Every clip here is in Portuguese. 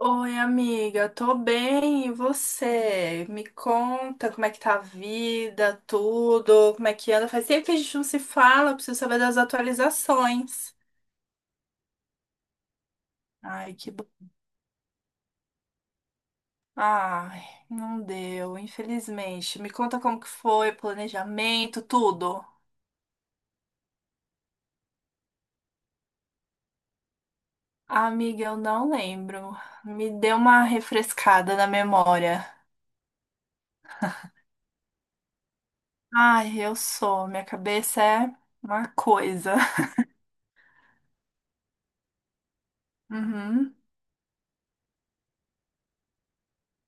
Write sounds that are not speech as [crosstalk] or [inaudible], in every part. Oi, amiga, tô bem, e você? Me conta como é que tá a vida, tudo, como é que anda? Faz tempo que a gente não se fala, preciso saber das atualizações. Ai, que bom. Ai, não deu, infelizmente. Me conta como que foi, planejamento, tudo. Amiga, eu não lembro. Me deu uma refrescada na memória. Ai, eu sou, minha cabeça é uma coisa. [laughs] Uhum,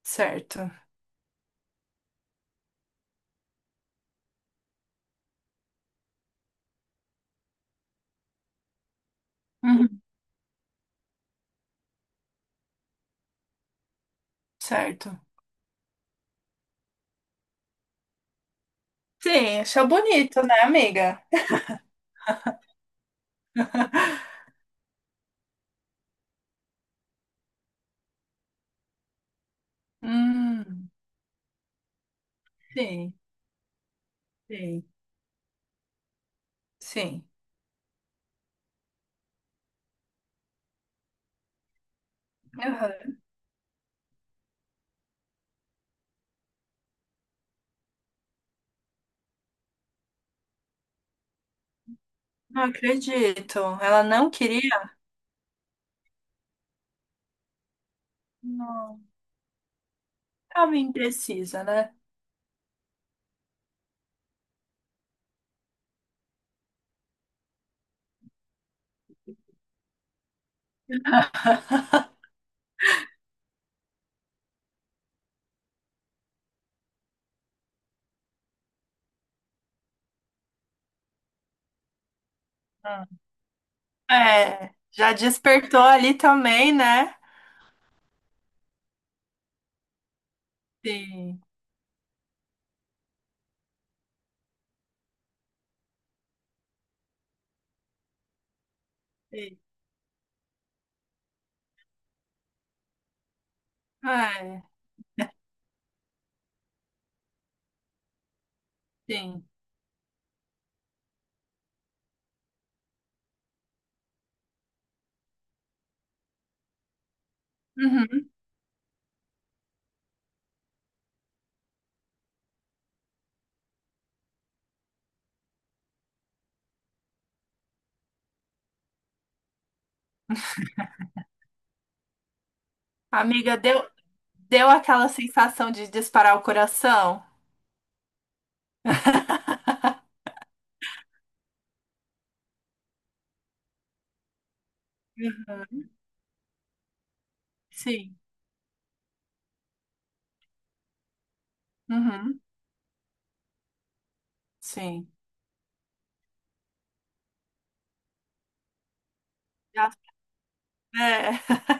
certo. Uhum, certo. Sim, achou bonito, né, amiga? Hum, sim, sim, sim. Aham. Não acredito. Ela não queria? Não. Ela imprecisa, né? Ah. É, já despertou ali também, né? Sim, sim. É, sim. Uhum. Amiga, deu aquela sensação de disparar o coração? Uhum. Sim. Uhum. Sim. Já- É, [laughs]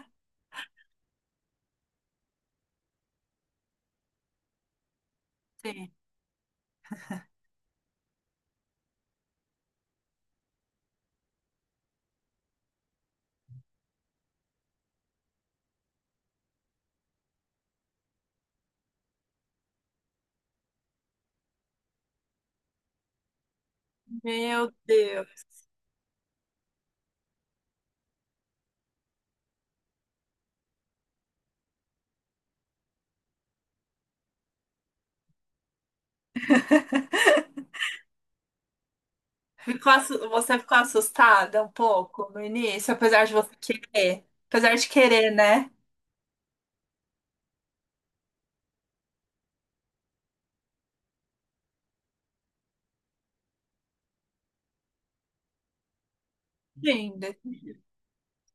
sim. Meu Deus. Você ficou assustada um pouco no início, apesar de você querer. Apesar de querer, né? Sim, decidido.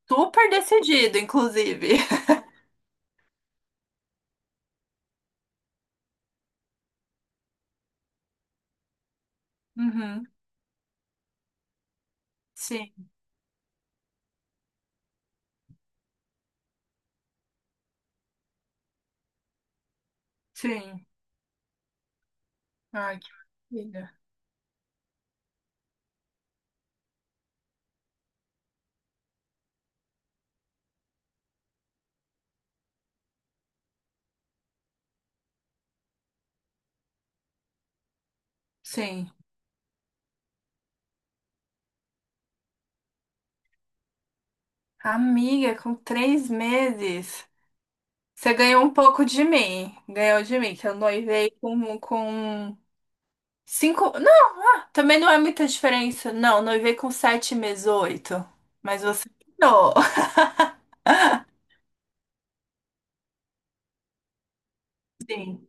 Super decidido, inclusive. Uhum. Sim, sim. Ai, que maravilha. Sim. Amiga, com 3 meses, você ganhou um pouco de mim. Ganhou de mim, que eu noivei com cinco. Não, também não é muita diferença. Não, noivei com 7 meses, oito. Mas você ganhou. [laughs] Sim.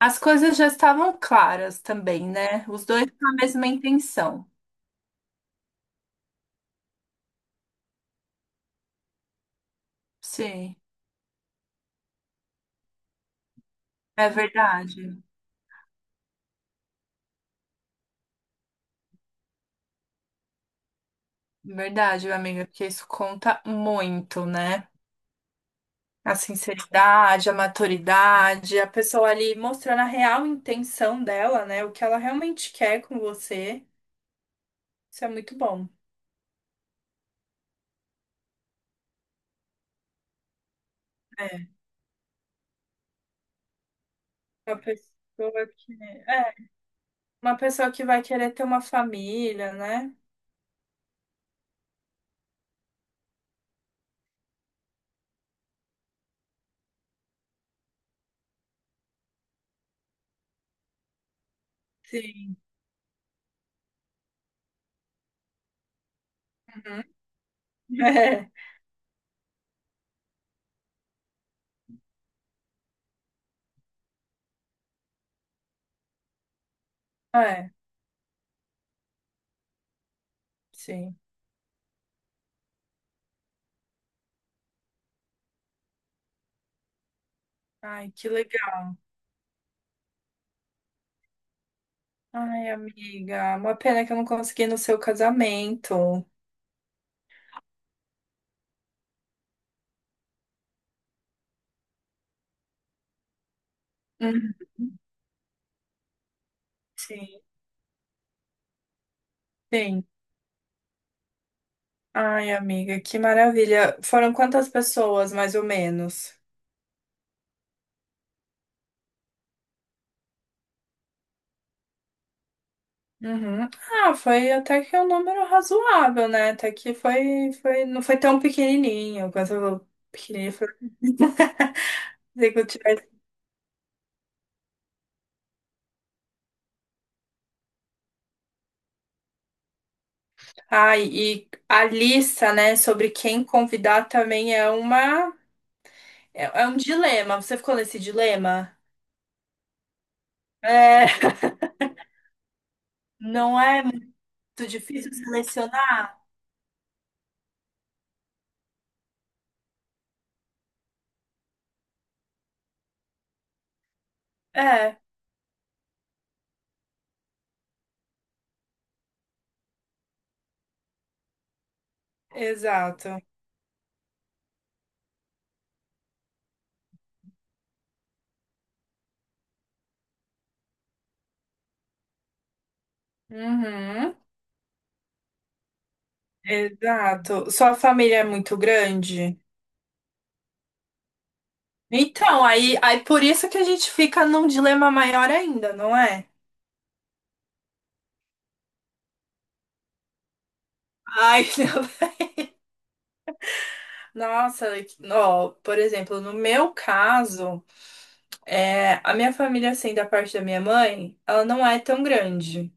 As coisas já estavam claras também, né? Os dois com a mesma intenção. Sim, é verdade. Verdade, amiga, porque isso conta muito, né? A sinceridade, a maturidade, a pessoa ali mostrando a real intenção dela, né? O que ela realmente quer com você. Isso é muito bom. É, uma pessoa que, é, uma pessoa que vai querer ter uma família, né? Sim. Uhum. [laughs] É, é, sim. Ai, que legal. Ai, amiga, uma pena que eu não consegui ir no seu casamento. Uhum. Sim, sim. Ai, amiga, que maravilha. Foram quantas pessoas, mais ou menos? Uhum. Ah, foi até que um número razoável, né? Até que foi, não foi tão pequenininho. Quando você falou pequenininho, foi que eu tivesse. Ai, e a lista, né, sobre quem convidar também é um dilema. Você ficou nesse dilema? É, [laughs] não é muito difícil selecionar? É. Exato. Uhum. Exato. Sua família é muito grande? Então, aí por isso que a gente fica num dilema maior ainda, não é? Ai, [laughs] não. Nossa, ó, por exemplo, no meu caso, a minha família, assim, da parte da minha mãe, ela não é tão grande,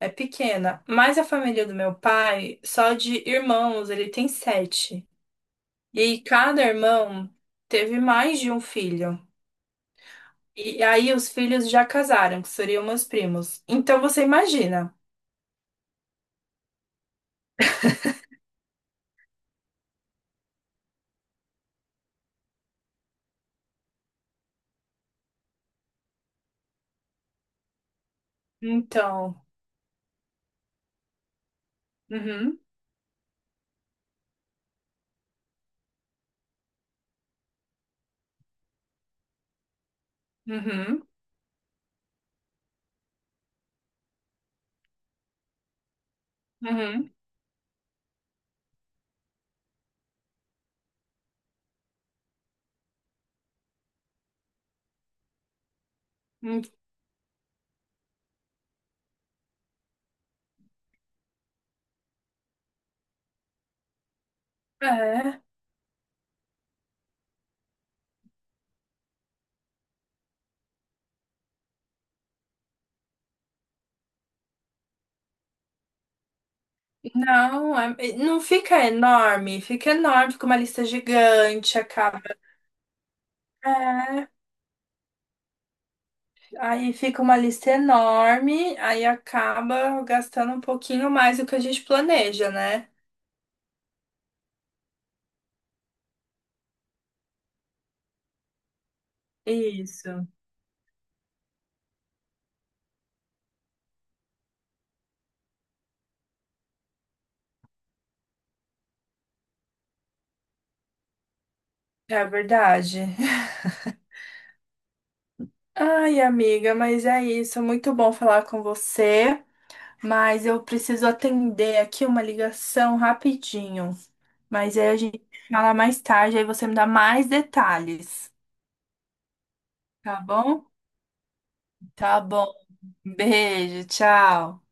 é pequena. Mas a família do meu pai, só de irmãos, ele tem sete. E cada irmão teve mais de um filho. E aí os filhos já casaram, que seriam meus primos. Então você imagina. Então, uhum, uhum, uhum. Uhum. É, não, não fica enorme, fica enorme, fica uma lista gigante, acaba. É, aí fica uma lista enorme, aí acaba gastando um pouquinho mais do que a gente planeja, né? Isso, é verdade. [laughs] Ai, amiga, mas é isso. Muito bom falar com você. Mas eu preciso atender aqui uma ligação rapidinho. Mas aí a gente fala mais tarde, aí você me dá mais detalhes, tá bom? Tá bom. Beijo, tchau.